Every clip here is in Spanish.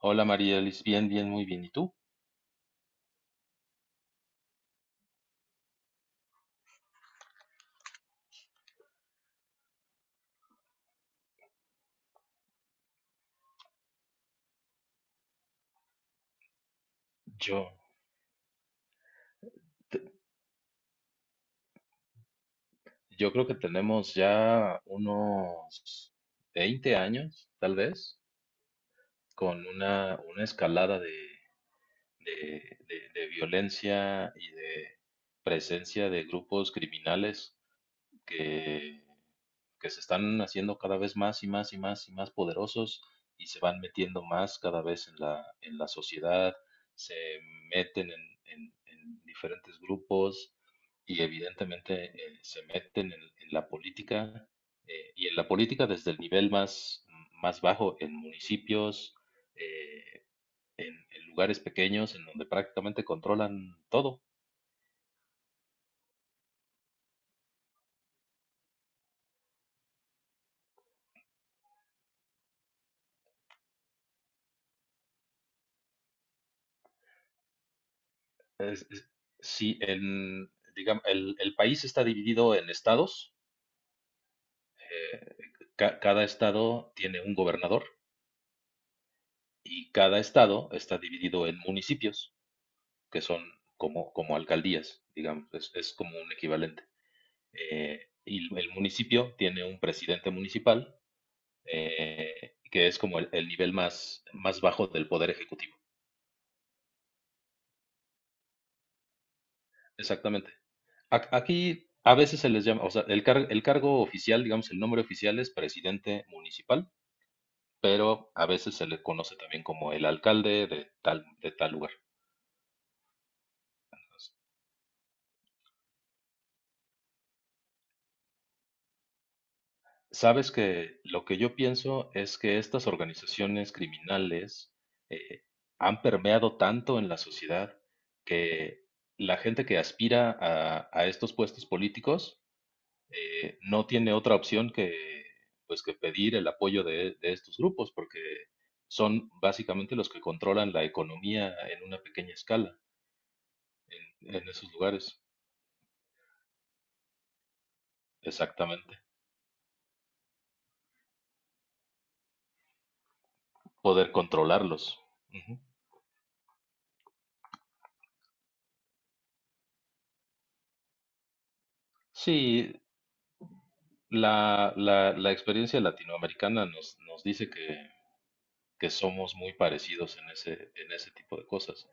Hola María Elis, muy bien. ¿Y tú? Yo, yo creo que tenemos ya unos 20 años, tal vez, con una escalada de violencia y de presencia de grupos criminales que, que se están haciendo cada vez más y más y más y más poderosos y se van metiendo más cada vez en la sociedad, se meten en diferentes grupos y evidentemente se meten en la política y en la política desde el nivel más bajo, en municipios, eh, en lugares pequeños, en donde prácticamente controlan todo. es- es- sí, en, digamos, el país está dividido en estados. eh, Cada estado tiene un gobernador y cada estado está dividido en municipios, que son como alcaldías, digamos, es como un equivalente. Y el municipio tiene un presidente municipal, que es como el nivel más bajo del poder ejecutivo. Exactamente. Aquí a veces se les llama, o sea, el cargo oficial, digamos, el nombre oficial es presidente municipal, pero a veces se le conoce también como el alcalde de de tal lugar. Sabes que lo que yo pienso es que estas organizaciones criminales eh, han permeado tanto en la sociedad que la gente que aspira a estos puestos políticos, no tiene otra opción pues, que pedir el apoyo de estos grupos, porque son básicamente los que controlan la economía en una pequeña escala en esos lugares. Exactamente. Poder controlarlos. Ujú. Sí, la experiencia latinoamericana nos dice que somos muy parecidos en en ese tipo de cosas.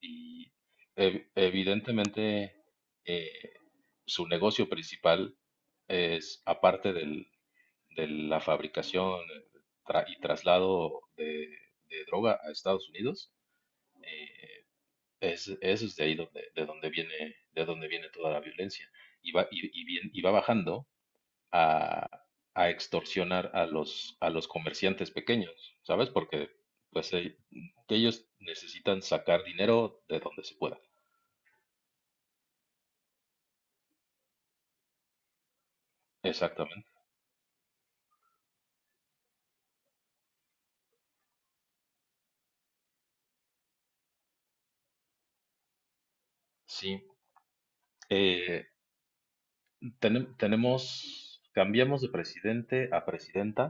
Y evidentemente eh, su negocio principal es, aparte de la fabricación, y traslado de droga a Estados Unidos. eh, Eso es de ahí donde, de donde viene toda la violencia. Y va bajando a, a extorsionar a a los comerciantes pequeños, ¿sabes? Porque pues eh, ellos necesitan sacar dinero de donde se pueda. Exactamente. Sí. Eh, Tenemos, cambiamos de presidente a presidenta.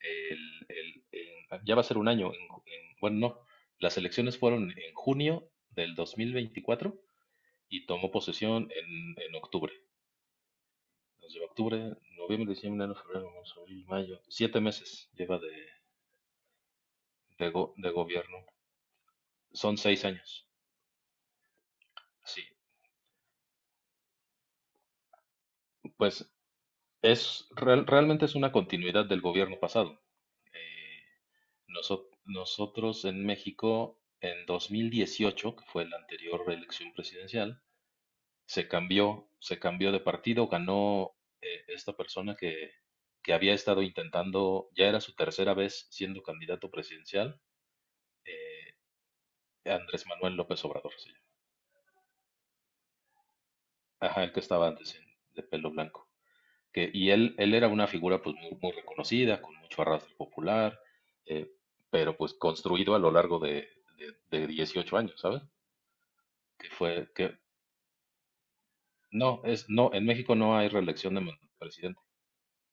El, ya va a ser un año. En ju- en- bueno, no. Las elecciones fueron en junio del 2024 y tomó posesión en octubre. Nos lleva octubre, noviembre, diciembre, enero, febrero, marzo, abril, mayo. 7 meses lleva de gobierno. Son 6 años. Sí, pues realmente es una continuidad del gobierno pasado. Eh, Nosotros en México en 2018, que fue la anterior elección presidencial, se cambió de partido, ganó esta persona que había estado intentando, ya era su tercera vez siendo candidato presidencial. eh, Andrés Manuel López Obrador, sí. Ajá, el que estaba de pelo blanco. Y él era una figura, pues muy reconocida, con mucho arrastre popular, eh, pero pues construido a lo largo de 18 años, ¿sabes? Que fue, que No, en México no hay reelección de presidente,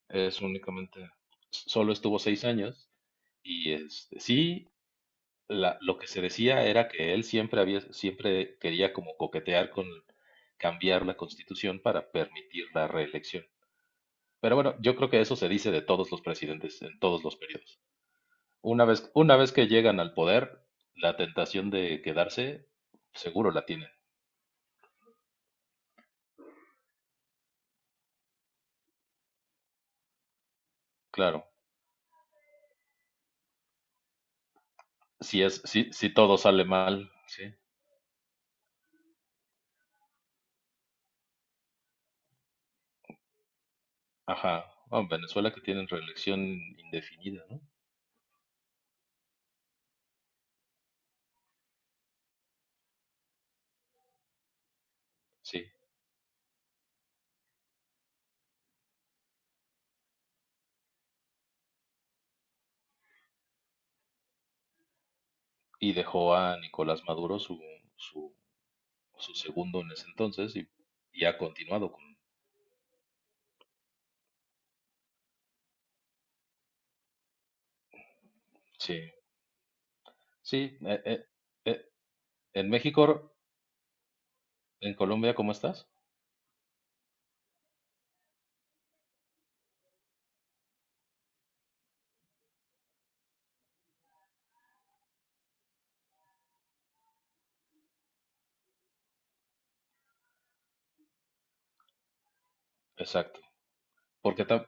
es únicamente, solo estuvo 6 años. Y este, sí, lo que se decía era que él siempre había, siempre quería como coquetear con cambiar la constitución para permitir la reelección. Pero bueno, yo creo que eso se dice de todos los presidentes en todos los periodos. Una vez que llegan al poder, la tentación de quedarse, seguro la tienen, claro. Si es, si, Si todo sale mal, sí. Ajá. Ah, en Venezuela que tienen reelección indefinida, ¿no? Sí. Y dejó a Nicolás Maduro su su segundo en ese entonces, y ha continuado con... Sí, sí. Eh, en México, en Colombia, ¿cómo estás? Exacto. Porque, ta-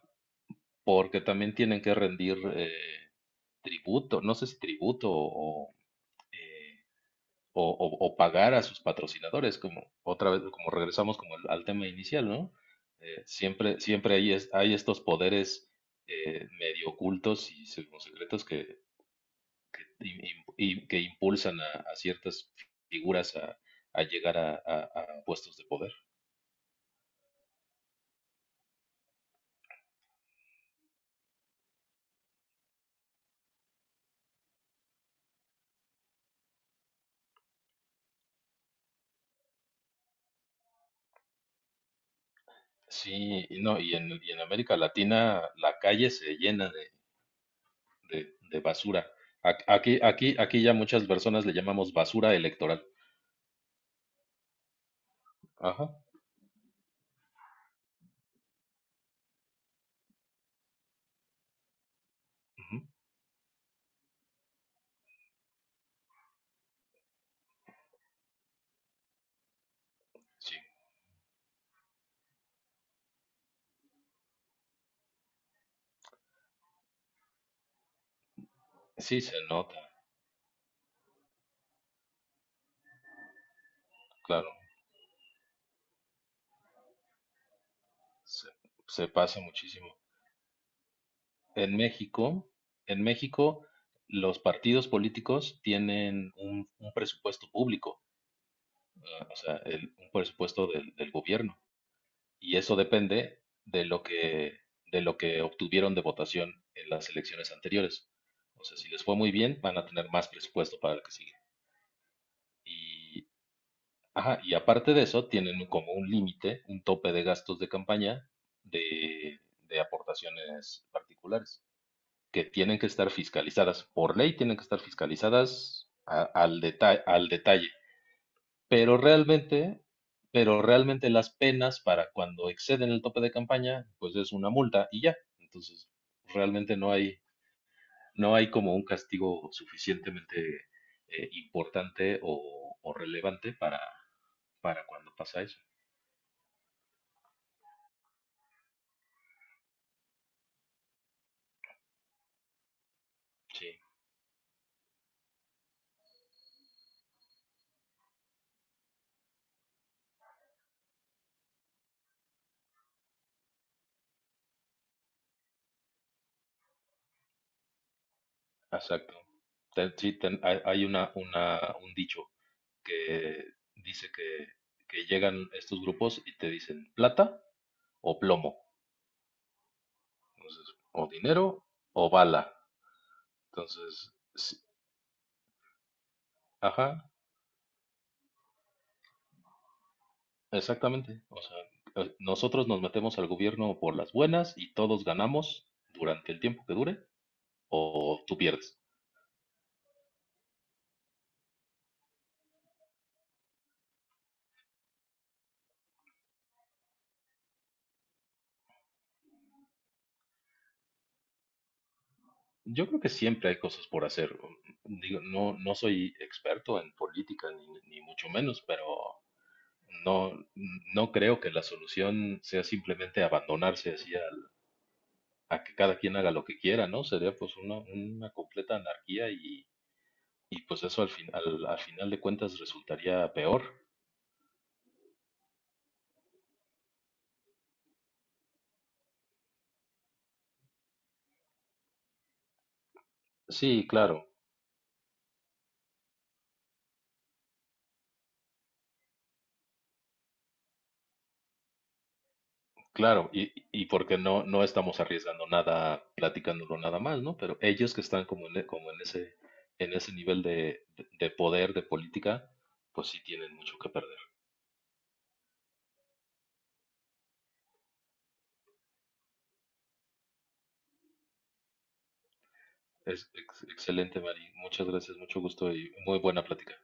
Porque también tienen que rendir tributo, no sé si tributo eh, o pagar a sus patrocinadores, como otra vez, como regresamos como al tema inicial, ¿no? Siempre hay estos poderes medio ocultos y secretos y que impulsan a ciertas figuras a llegar a puestos de poder. Sí, y no, y en América Latina la calle se llena de basura. Aquí ya muchas personas le llamamos basura electoral. Ajá, ujú, sí, sí se nota, claro, se, se pasa muchísimo. En México, en México, los partidos políticos tienen un presupuesto público, eh, o sea, un presupuesto del del gobierno. Y eso depende de lo que obtuvieron de votación en las elecciones anteriores. O sea, si les fue muy bien, van a tener más presupuesto para el que sigue. Y, ajá, y aparte de eso, tienen como un límite, un tope de gastos de campaña de, de aportaciones particulares, que tienen que estar fiscalizadas. Por ley tienen que estar fiscalizadas al detalle, al detalle. Pero realmente, pero realmente las penas para cuando exceden el tope de campaña, pues es una multa y ya. Entonces, realmente no hay como un castigo suficientemente importante o relevante para cuando pasa eso. Sí, exacto. Hay hay un dicho que dice que llegan estos grupos y te dicen plata o plomo, entonces, o dinero o bala. Entonces, si- Ajá, exactamente. O sea, nosotros nos metemos al gobierno por las buenas y todos ganamos durante el tiempo que dure o tú pierdes. Yo creo que siempre hay cosas por hacer. Digo, no soy experto en política ni, ni mucho menos, pero no, no creo que la solución sea simplemente a que cada quien haga lo que quiera, ¿no? Sería pues una completa anarquía y pues eso al fin, al al final de cuentas resultaría peor. Sí, claro. Claro, y porque no, no estamos arriesgando nada, platicándolo nada más, ¿no? Pero ellos que están como como en en ese nivel de poder, de política, pues sí tienen mucho que perder. Excelente, Mari. Muchas gracias, mucho gusto y muy buena plática.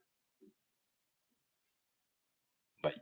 Bye.